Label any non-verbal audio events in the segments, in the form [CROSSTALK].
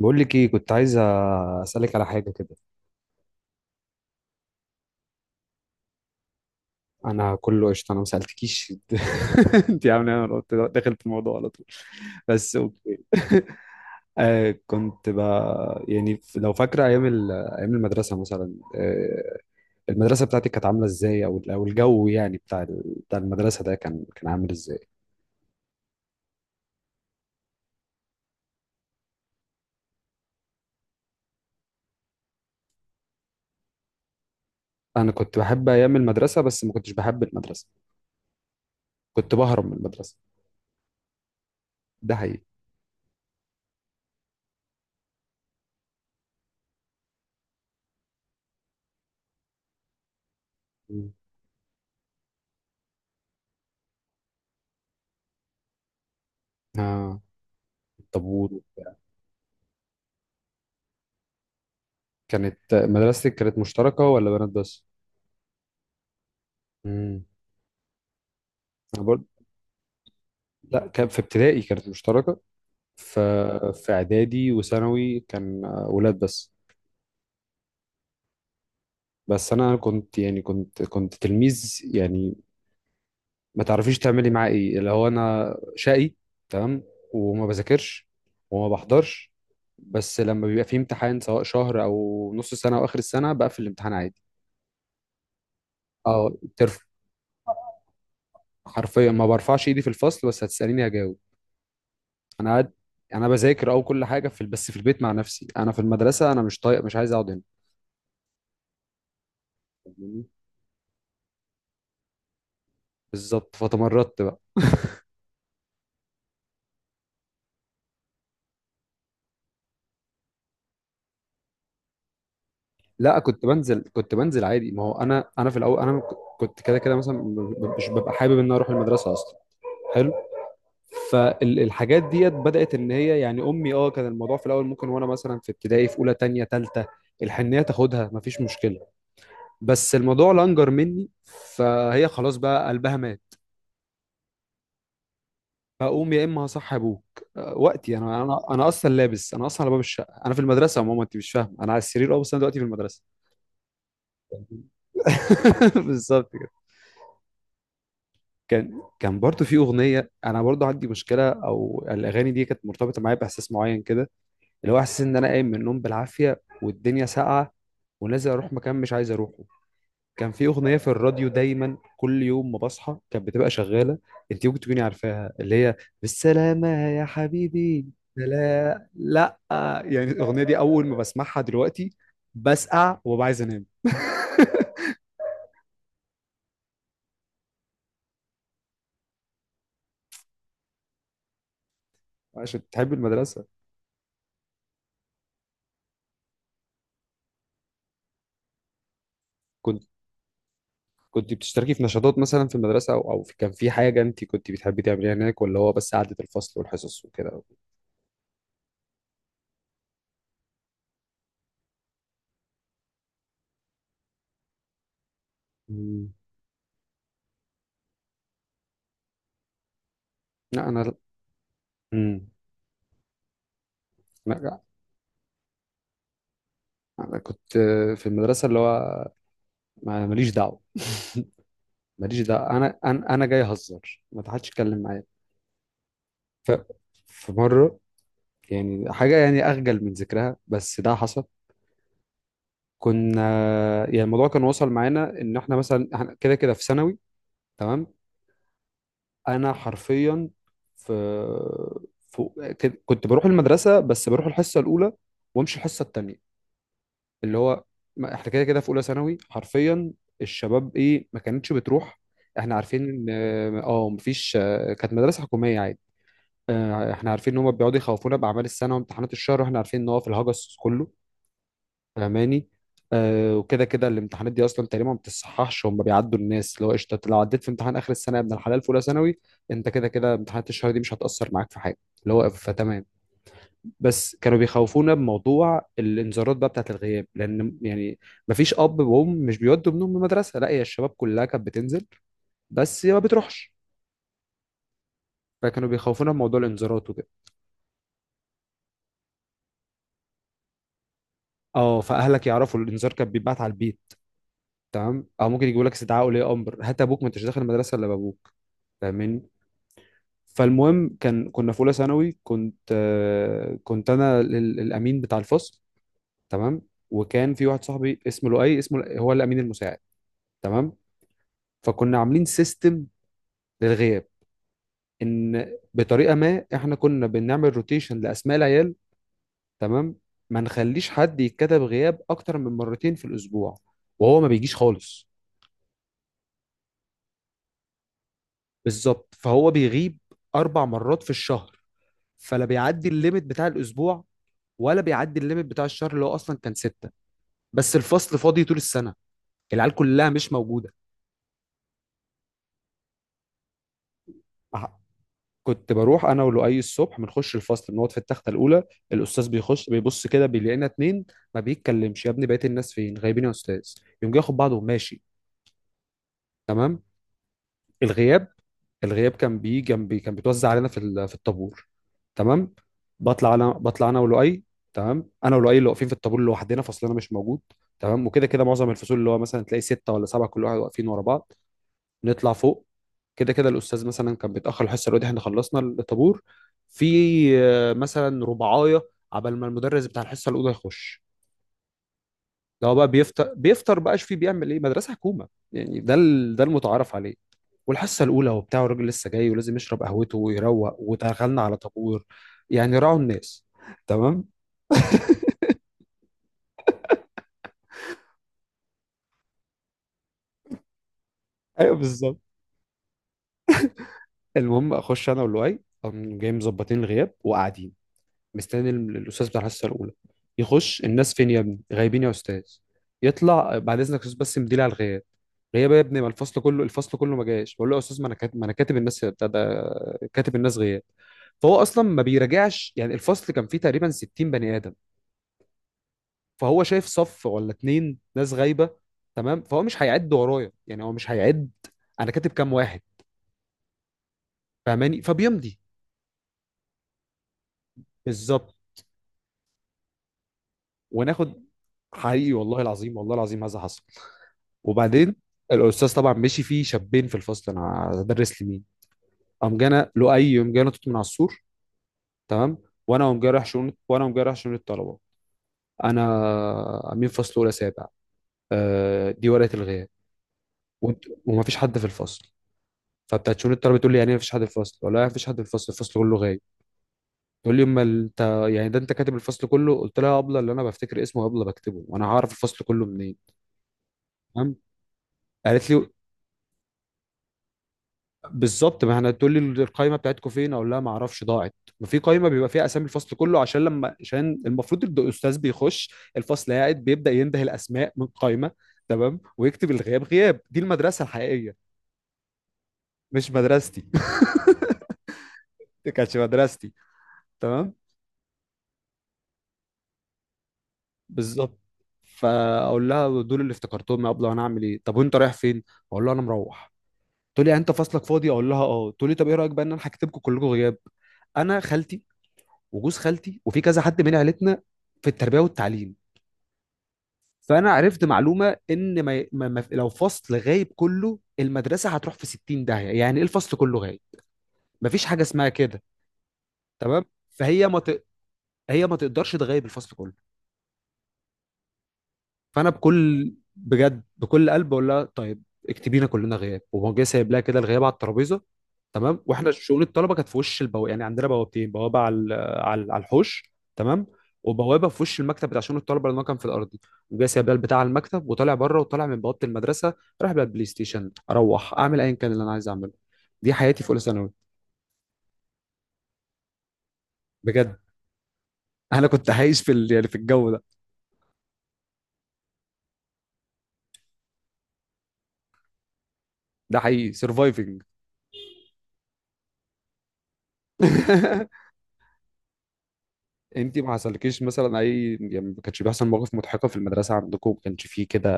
بقول لك ايه، كنت عايز اسالك على حاجه كده. انا كله قشطه، انا ما سالتكيش. [LAUGHS] انت عامله ايه؟ انا قلت داخل في الموضوع على طول، بس اوكي. [LAUGHS] آه، كنت ب... يعني لو فاكره ايام ايام المدرسه مثلا، آه، المدرسه بتاعتك كانت عامله ازاي، او الجو يعني بتاع بتاع المدرسه ده كان عامل ازاي؟ انا كنت بحب ايام المدرسه بس ما كنتش بحب المدرسه. كنت بهرب من المدرسه، ده حقيقي. مم. اه، الطابور وبتاع. كانت مدرستك كانت مشتركه ولا بنات بس؟ امم، انا برضه. لا، كان في ابتدائي كانت مشتركه، ف... في اعدادي وثانوي كان آه، ولاد بس. بس انا كنت يعني كنت تلميذ يعني ما تعرفيش تعملي معاه ايه، اللي هو انا شقي، تمام، وما بذاكرش وما بحضرش، بس لما بيبقى في امتحان سواء شهر او نص سنه او اخر السنه بقفل الامتحان عادي. اه، الترف. حرفيا ما برفعش ايدي في الفصل، بس هتساليني هجاوب. انا قاعد، انا بذاكر او كل حاجه في بس في البيت مع نفسي. انا في المدرسه انا مش طايق، مش عايز اقعد هنا. فاهمني؟ بالظبط، فتمردت بقى. لا، كنت بنزل، كنت بنزل عادي، ما هو انا في الاول كنت كده كده مثلا مش ببقى حابب ان أنا اروح المدرسه اصلا. حلو. فالحاجات ديت بدات ان هي، يعني امي، اه، كان الموضوع في الاول ممكن، وانا مثلا في ابتدائي في اولى تانية تالتة الحنيه تاخدها، مفيش مشكله. بس الموضوع لانجر مني، فهي خلاص بقى قلبها مات. هقوم يا اما هصحي ابوك. أه، وقتي انا اصلا لابس، انا اصلا على باب الشقه، انا في المدرسه يا ماما، انت مش فاهمه، انا على السرير اه، بس انا دلوقتي في المدرسه. [LAUGHS] بالظبط كده. كان برضو في اغنيه، انا برضو عندي مشكله، او الاغاني دي كانت مرتبطه معايا باحساس معين كده، اللي هو احساس ان انا قايم من النوم بالعافيه والدنيا ساقعه، ونازل اروح مكان مش عايز اروحه. كان في اغنيه في الراديو دايما كل يوم ما بصحى كانت بتبقى شغاله. انت ممكن تكوني عارفاها، اللي هي بالسلامه يا حبيبي. لا لا، يعني الاغنيه دي اول ما بسمعها دلوقتي بسقع وببقى عايز انام. عشان تحب المدرسه. كنت كنت بتشتركي في نشاطات مثلا في المدرسه او في- كان في حاجه انت كنت بتحبي تعمليها هناك، ولا هو بس قعده الفصل والحصص وكده؟ مم. لا انا. مم. لا لا. انا كنت في المدرسه، اللي هو ماليش دعوه، ماليش دعوه، انا جاي اهزر، ما حدش يتكلم معايا. ف في مره، يعني حاجه يعني اخجل من ذكرها بس ده حصل. كنا يعني الموضوع كان وصل معانا ان احنا مثلا احنا كده كده في ثانوي، تمام. انا حرفيا في, في كنت بروح المدرسه بس بروح الحصه الاولى، وامشي الحصه الثانيه. اللي هو احنا كده كده في اولى ثانوي حرفيا. الشباب ايه ما كانتش بتروح؟ احنا عارفين ان اه مفيش. كانت مدرسه حكوميه عادي. آه، احنا عارفين ان هم بيقعدوا يخوفونا باعمال السنه وامتحانات الشهر، واحنا عارفين ان هو في الهجس كله. فاهماني. آه، وكده كده الامتحانات دي اصلا تقريبا ما بتصححش، هم بيعدوا الناس. اللي هو قشطه لو عديت في امتحان اخر السنه يا ابن الحلال في اولى ثانوي، انت كده كده امتحانات الشهر دي مش هتاثر معاك في حاجه، اللي هو فتمام. بس كانوا بيخوفونا بموضوع الانذارات بقى بتاعت الغياب، لان يعني ما فيش اب وام مش بيودوا ابنهم المدرسه، لا هي الشباب كلها كانت بتنزل بس ما بتروحش. فكانوا بيخوفونا بموضوع الانذارات وكده. اه، فاهلك يعرفوا، الانذار كان بيتبعت على البيت، تمام، او ممكن يجيبوا لك استدعاء ولي امر، هات ابوك، ما انتش داخل المدرسه الا بابوك. فاهمني. فالمهم كان كنا في اولى ثانوي، كنت آه، كنت انا الامين بتاع الفصل، تمام. وكان في واحد صاحبي اسمه لؤي، هو الامين المساعد، تمام. فكنا عاملين سيستم للغياب ان بطريقه ما احنا كنا بنعمل روتيشن لاسماء العيال، تمام، ما نخليش حد يتكتب غياب اكتر من مرتين في الاسبوع وهو ما بيجيش خالص. بالظبط، فهو بيغيب اربع مرات في الشهر، فلا بيعدي الليميت بتاع الاسبوع ولا بيعدي الليميت بتاع الشهر اللي هو اصلا كان ستة. بس الفصل فاضي طول السنه، العيال كلها مش موجوده. أح- كنت بروح انا ولؤي الصبح، بنخش الفصل بنقعد في التخته الاولى، الاستاذ بيخش بيبص كده بيلاقينا اتنين. ما بيتكلمش. يا ابني بقيه الناس فين؟ غايبين يا استاذ. يقوم جاي ياخد بعضه وماشي، تمام. الغياب، الغياب كان بيجي جنبي، كان بيتوزع علينا في في الطابور، تمام. بطلع انا ولؤي، تمام، انا ولؤي اللي واقفين في الطابور لوحدنا، فصلنا مش موجود. تمام، وكده كده معظم الفصول اللي هو مثلا تلاقي ستة ولا سبعة، كل واحد واقفين ورا بعض. نطلع فوق. كده كده الاستاذ مثلا كان بيتاخر الحصه الأولى، احنا خلصنا الطابور في آه، مثلا ربعايه عبال ما المدرس بتاع الحصه الاولى يخش. لو بقى بيفطر بيفطر بقى، شوف بيعمل ايه، مدرسه حكومه يعني، ده ده المتعارف عليه. والحصه الاولى وبتاع، والراجل لسه جاي ولازم يشرب قهوته ويروق ودخلنا على طابور، يعني راعوا الناس، تمام. ايوه بالظبط. المهم اخش انا واللؤي، قام جاي مظبطين الغياب وقاعدين مستني الاستاذ بتاع الحصه الاولى يخش. الناس فين يا ابني؟ غايبين يا استاذ. يطلع بعد اذنك يا استاذ بس مديلي على الغياب. غياب يا ابني، ما الفصل كله، الفصل كله ما جاش. بقول له يا استاذ ما انا كاتب، ما انا كاتب الناس بتاع ده، كاتب الناس غياب. فهو اصلا ما بيراجعش، يعني الفصل كان فيه تقريبا 60 بني ادم، فهو شايف صف ولا اتنين ناس غايبه، تمام. فهو مش هيعد ورايا، يعني هو مش هيعد انا كاتب كام واحد. فاهماني، فبيمضي. بالظبط، وناخد. حقيقي، والله العظيم، والله العظيم، هذا حصل. وبعدين الاستاذ طبعا مشي، فيه شابين في الفصل، انا هدرس لمين؟ قام جانا لؤي، قام جانا توت من على السور، تمام. وانا قوم جاي رايح شؤون، وانا قوم جاي رايح شؤون الطلبه. انا امين فصل اولى سابع، آه، دي ورقه الغياب. وانت وما فيش حد في الفصل؟ فبتاعت شؤون الطلبه تقول لي يعني ايه ما فيش حد في الفصل، ولا ما فيش حد في الفصل، الفصل كله غايب؟ تقول لي امال انت، يعني ده انت كاتب الفصل كله؟ قلت لها ابله، اللي انا بفتكر اسمه ابله بكتبه وانا هعرف الفصل كله منين، تمام. قالت لي، بالظبط ما احنا، تقول لي القايمه بتاعتكم فين؟ اقول لها ما اعرفش، ضاعت. ما في قايمه بيبقى فيها اسامي الفصل كله، عشان لما، عشان المفروض إن الاستاذ بيخش الفصل قاعد بيبدا ينده الاسماء من قايمه، تمام، ويكتب الغياب. غياب دي المدرسه الحقيقيه، مش مدرستي. [LAUGHS] دي كانتش مدرستي، تمام. بالظبط. فاقول لها دول اللي افتكرتهم يا ابله، انا اعمل ايه؟ طب وانت رايح فين؟ اقول لها انا مروح. تقول لي انت فصلك فاضي؟ اقول لها اه. تقول لي طب ايه رايك بقى ان انا هكتبكم كلكم غياب؟ انا خالتي وجوز خالتي وفي كذا حد من عيلتنا في التربيه والتعليم، فانا عرفت معلومه ان لو فصل غايب كله المدرسه هتروح في 60 داهيه، يعني ايه الفصل كله غايب؟ مفيش حاجه اسمها كده، تمام. فهي ما ت... هي ما تقدرش تغيب الفصل كله. فانا بكل، بجد بكل قلب بقول لها طيب، اكتبينا كلنا غياب. وهو جاي سايب لها كده الغياب على الترابيزه، تمام. واحنا شؤون الطلبه كانت في وش البوابه، يعني عندنا بوابتين، بوابه على على على الحوش تمام، وبوابه في وش المكتب بتاع شؤون الطلبه لان هو كان في الارضي. وجاي سايب لها البتاع على المكتب وطالع بره، وطالع من بوابه المدرسه رايح بقى البلاي ستيشن، اروح اعمل ايا كان اللي انا عايز اعمله. دي حياتي في اولى ثانوي. بجد انا كنت عايش في يعني في الجو ده. ده حقيقي سرفايفنج. [LAUGHS] انت ما حصلكيش مثلا اي، يعني ما كانش بيحصل مواقف مضحكه في المدرسه عندكم؟ ما كانش فيه كده؟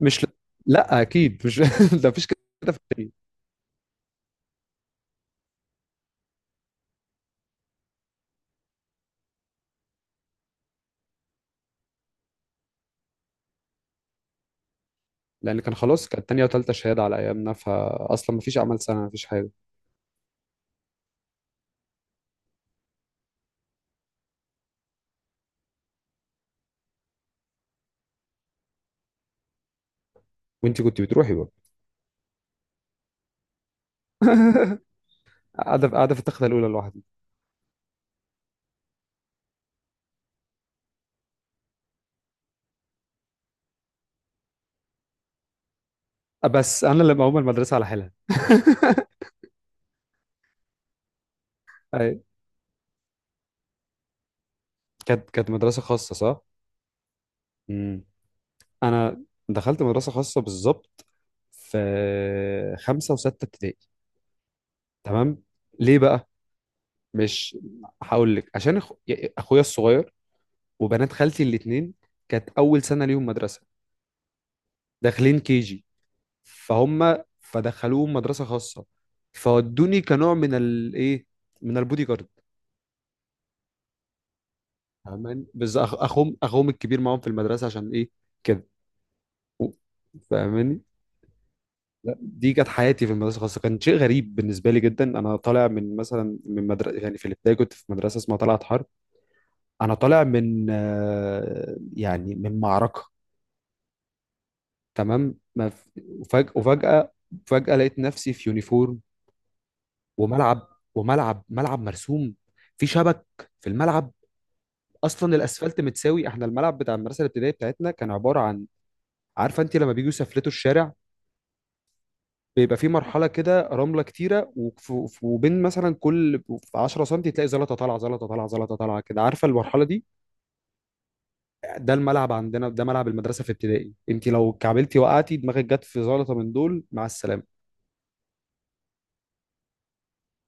مش، لا اكيد مش [LAUGHS] ده مفيش كده في التانية. لان كان خلاص كانت تانية وتالتة شهاده على ايامنا، فاصلا مفيش اعمال سنه مفيش حاجه. وانت كنت بتروحي برضه؟ [LAUGHS] قاعده، قاعده في التخته الاولى لوحدي. بس انا اللي مقوم المدرسه على حيلها. [LAUGHS] أي. كانت كانت مدرسه خاصه صح؟ امم. انا دخلت مدرسه خاصه بالظبط في خمسه وسته ابتدائي، تمام. ليه بقى؟ مش هقول لك. عشان اخويا الصغير وبنات خالتي الاثنين كانت اول سنه ليهم مدرسه، داخلين كي جي، فدخلوهم مدرسه خاصه، فودوني كنوع من الايه، من البودي جارد. فاهماني، بس اخوهم الكبير معاهم في المدرسه عشان ايه، كده. و- فاهماني. لا، دي كانت حياتي في المدرسه الخاصه. كان شيء غريب بالنسبه لي جدا. انا طالع من مثلا من مدرسه يعني، في الابتدائي كنت في مدرسه اسمها طلعت حرب. انا طالع من آه، يعني من معركه، تمام. ما ف... وفجأة وفجأة فجأة لقيت نفسي في يونيفورم، وملعب، وملعب مرسوم، في شبك في الملعب، اصلا الاسفلت متساوي. احنا الملعب بتاع المدرسه الابتدائيه بتاعتنا كان عباره عن، عارفه انت لما بيجوا يسفلتوا الشارع بيبقى في مرحله كده رمله كتيره، وبين مثلا كل في 10 سم تلاقي زلطه طالعه، زلطه طالعه، زلطه طالعه، كده عارفه المرحله دي؟ ده الملعب عندنا، ده ملعب المدرسه في ابتدائي. انت لو كعبلتي وقعتي دماغك جت في زلطه من دول، مع السلامه.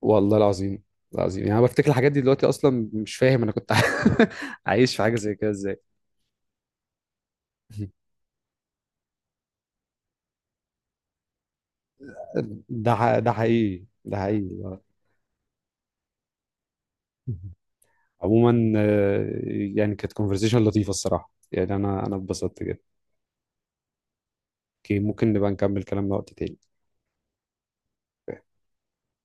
والله العظيم، العظيم، يعني انا بفتكر الحاجات دي دلوقتي اصلا مش فاهم انا كنت [LAUGHS] عايش في حاجه زي كده ازاي. ده حقيقي، ده حقيقي، آه. عموما آه، يعني كانت كونفرزيشن لطيفه الصراحه، يعني انا انا اتبسطت جدا. اوكي، ممكن نبقى نكمل كلامنا وقت تاني.